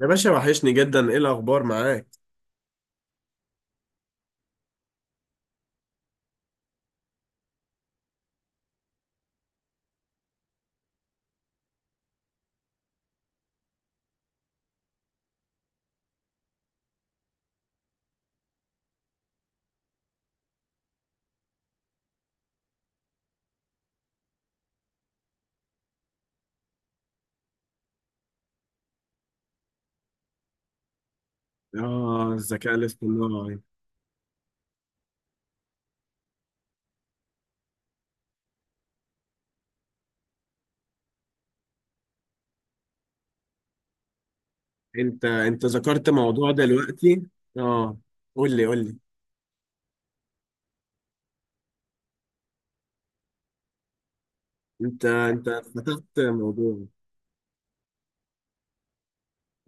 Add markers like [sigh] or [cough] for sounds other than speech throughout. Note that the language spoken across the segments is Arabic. يا باشا، وحشني جدا، ايه الاخبار معاك؟ اه، الذكاء الاصطناعي. انت ذكرت موضوع دلوقتي. اه، قول لي قول لي. انت فتحت موضوع.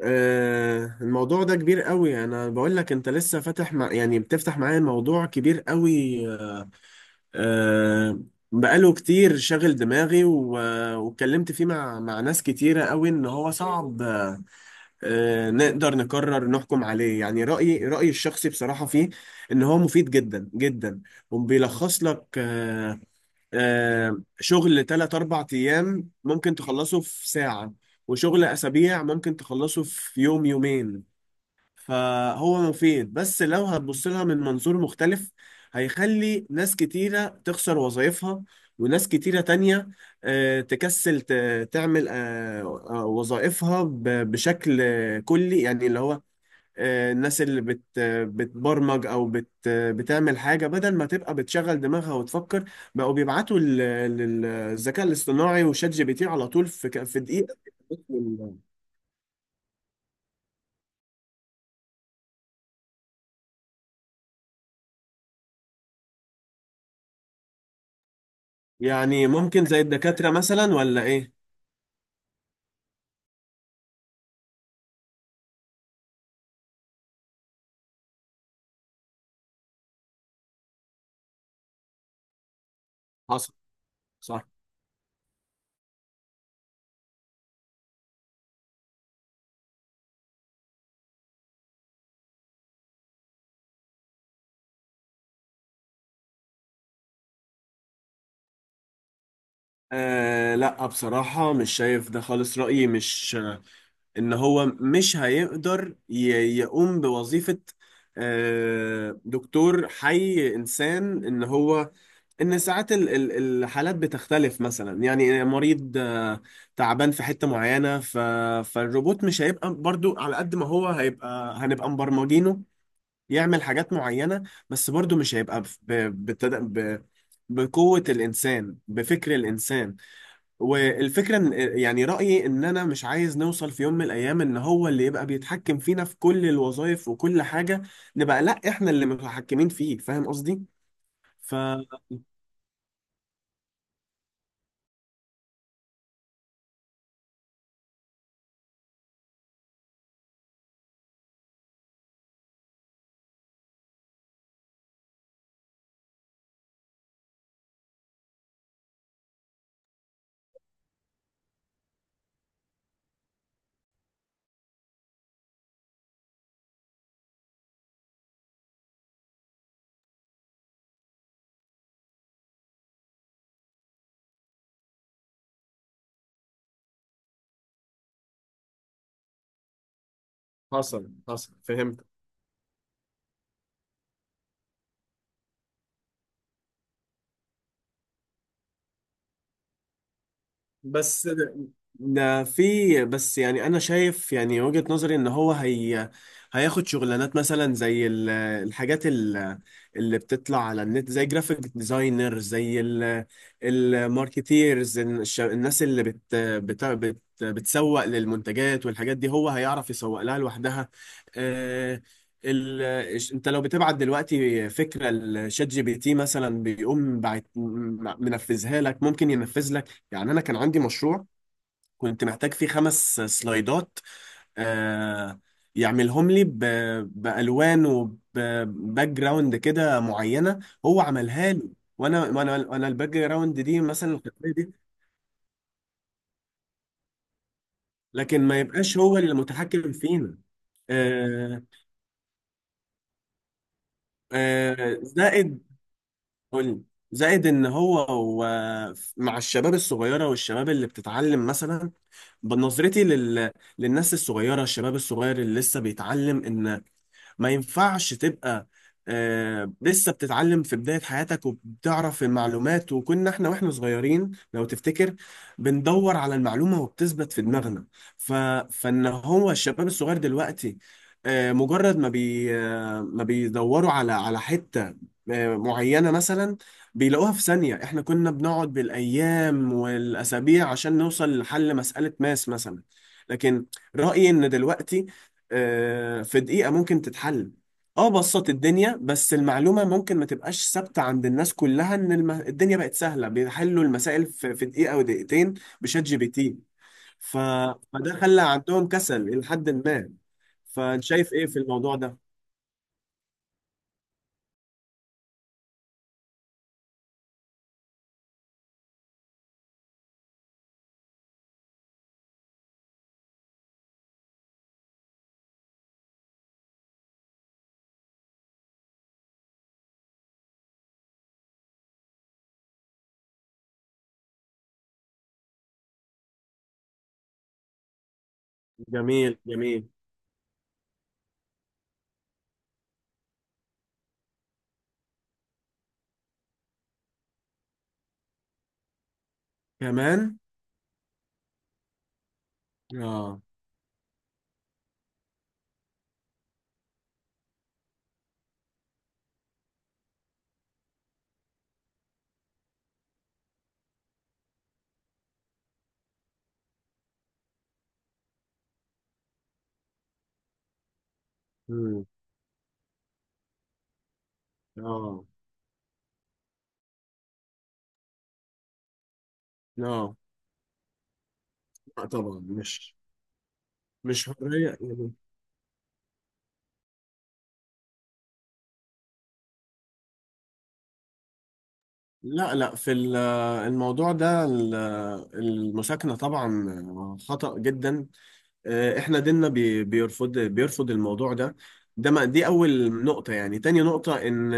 آه، الموضوع ده كبير قوي. انا بقول لك انت لسه فاتح يعني بتفتح معايا موضوع كبير قوي. آه، بقاله كتير شاغل دماغي واتكلمت فيه مع ناس كتيرة قوي ان هو صعب نقدر نقرر نحكم عليه. يعني رأيي الشخصي بصراحة فيه إن هو مفيد جدا جدا. وبيلخص لك شغل 3 4 أيام ممكن تخلصه في ساعة. وشغل أسابيع ممكن تخلصه في يوم يومين. فهو مفيد، بس لو هتبص لها من منظور مختلف، هيخلي ناس كتيرة تخسر وظائفها. وناس كتيرة تانية تكسل تعمل وظائفها بشكل كلي. يعني اللي هو الناس اللي بتبرمج او بتعمل حاجه، بدل ما تبقى بتشغل دماغها وتفكر، بقوا بيبعتوا للذكاء الاصطناعي وشات جي بي تي على طول في دقيقه. يعني ممكن زي الدكاتره مثلا، ولا ايه؟ حصل. صح. آه، لا، بصراحة مش شايف ده خالص. رأيي مش إن هو مش هيقدر يقوم بوظيفة آه دكتور حي إنسان. إن ساعات الحالات بتختلف مثلا. يعني مريض تعبان في حتة معينة، فالروبوت مش هيبقى برضو. على قد ما هو هيبقى هنبقى مبرمجينه يعمل حاجات معينة. بس برضو مش هيبقى بقوة الإنسان، بفكر الإنسان. والفكرة ان يعني رأيي ان انا مش عايز نوصل في يوم من الايام ان هو اللي يبقى بيتحكم فينا في كل الوظائف وكل حاجة. نبقى لا احنا اللي متحكمين فيه. فاهم قصدي؟ ف حصل، حصل، فهمت. بس ده، ده في بس يعني انا شايف، يعني وجهة نظري ان هو هياخد شغلانات مثلا زي الحاجات اللي بتطلع على النت، زي جرافيك ديزاينر، زي الماركتيرز، الناس اللي بت بت بت بتسوق للمنتجات والحاجات دي. هو هيعرف يسوق لها لوحدها. آه، ال... انت لو بتبعت دلوقتي فكرة لشات جي بي تي مثلا، بيقوم منفذها لك. ممكن ينفذ لك. يعني انا كان عندي مشروع كنت محتاج فيه 5 سلايدات آه يعملهم لي بالوان وباك جراوند كده معينه. هو عملها لي. وانا الباك جراوند دي، مثلا الخلفيه دي، لكن ما يبقاش هو اللي المتحكم فينا. آه. آه، زائد. قولي. زائد ان هو مع الشباب الصغيره والشباب اللي بتتعلم مثلا. بنظرتي للناس الصغيره، الشباب الصغير اللي لسه بيتعلم، ان ما ينفعش تبقى لسه بتتعلم في بداية حياتك وبتعرف المعلومات. وكنا احنا واحنا صغيرين لو تفتكر، بندور على المعلومة وبتثبت في دماغنا. ف... فان هو الشباب الصغير دلوقتي، مجرد ما بي آه ما بيدوروا على حتة معينة مثلا، بيلاقوها في ثانية. احنا كنا بنقعد بالأيام والأسابيع عشان نوصل لحل مسألة ماس مثلا. لكن رأيي إن دلوقتي في دقيقة ممكن تتحل. اه، بسط الدنيا، بس المعلومة ممكن ما تبقاش ثابتة عند الناس كلها. ان الدنيا بقت سهلة، بيحلوا المسائل في دقيقة ودقيقتين بشات جي بي تي. ف... فده خلى عندهم كسل إلى حد ما. فانت شايف ايه في الموضوع ده؟ جميل، جميل. كمان. اه. مم. اه، اه. لا طبعا، مش حرية. لا، لا، في الموضوع ده، المساكنة طبعا خطأ جدا. احنا ديننا بيرفض الموضوع ده. ده، ما دي اول نقطة. يعني تاني نقطة، ان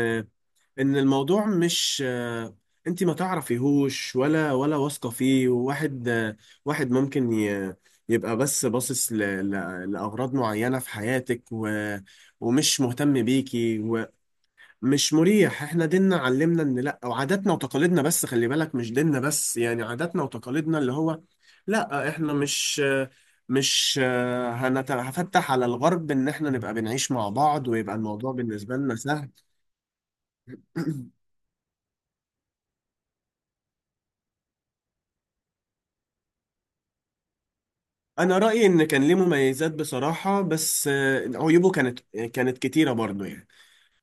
ان الموضوع مش انت ما تعرفيهوش ولا واثقة فيه. واحد واحد ممكن يبقى بس باصص لأغراض معينة في حياتك، ومش مهتم بيكي. مش مريح. احنا ديننا علمنا ان لا، وعاداتنا وتقاليدنا. بس خلي بالك مش ديننا بس، يعني عاداتنا وتقاليدنا اللي هو. لا، احنا مش هفتح على الغرب ان احنا نبقى بنعيش مع بعض ويبقى الموضوع بالنسبة لنا سهل. [clears throat] انا رأيي ان كان ليه مميزات بصراحة، بس عيوبه كانت كتيرة برضو يعني.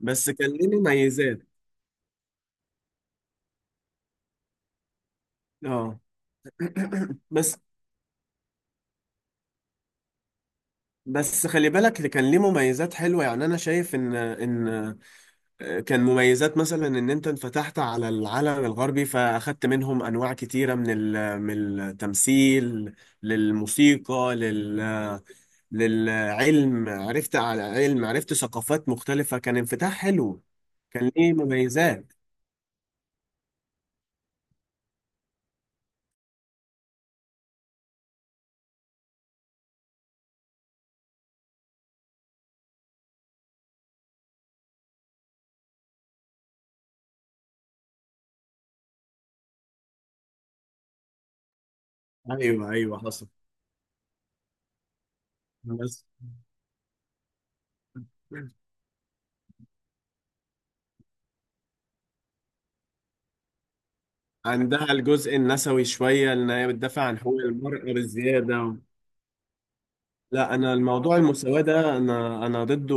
بس كان ليه مميزات. اه. [clears throat] بس، بس خلي بالك كان ليه مميزات حلوة، يعني انا شايف ان كان مميزات مثلا ان انت انفتحت على العالم الغربي، فاخدت منهم انواع كتيره من التمثيل، للموسيقى، للعلم. عرفت على علم، عرفت ثقافات مختلفه. كان انفتاح حلو. كان ليه مميزات. ايوه، ايوه، حصل. بس عندها الجزء النسوي شويه، ان هي بتدافع عن حقوق المرأة بالزياده. لا، انا الموضوع المساواة ده، انا ضده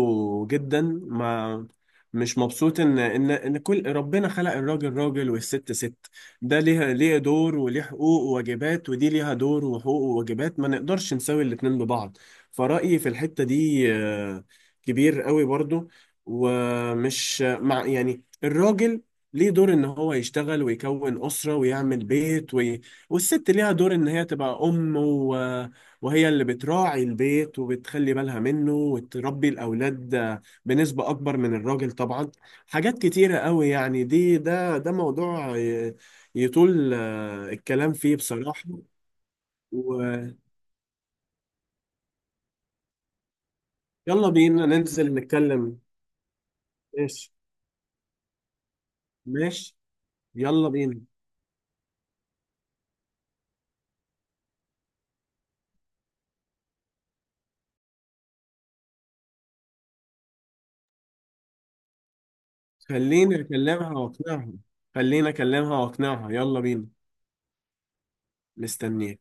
جدا. ما مش مبسوط ان كل ربنا خلق الراجل راجل والست ست. ده ليه دور وليه حقوق وواجبات، ودي ليها دور وحقوق وواجبات. ما نقدرش نساوي الاتنين ببعض. فرأيي في الحتة دي كبير قوي برضو. ومش مع، يعني الراجل ليه دور ان هو يشتغل ويكون أسرة ويعمل بيت والست ليها دور ان هي تبقى ام وهي اللي بتراعي البيت وبتخلي بالها منه وتربي الأولاد بنسبة أكبر من الراجل طبعا. حاجات كتيرة قوي يعني. دي، ده موضوع يطول الكلام فيه بصراحة. ويلا بينا ننزل نتكلم. ماشي. ماشي، يلا بينا. خليني أكلمها وأقنعها. خليني أكلمها وأقنعها، يلا بينا. مستنيك.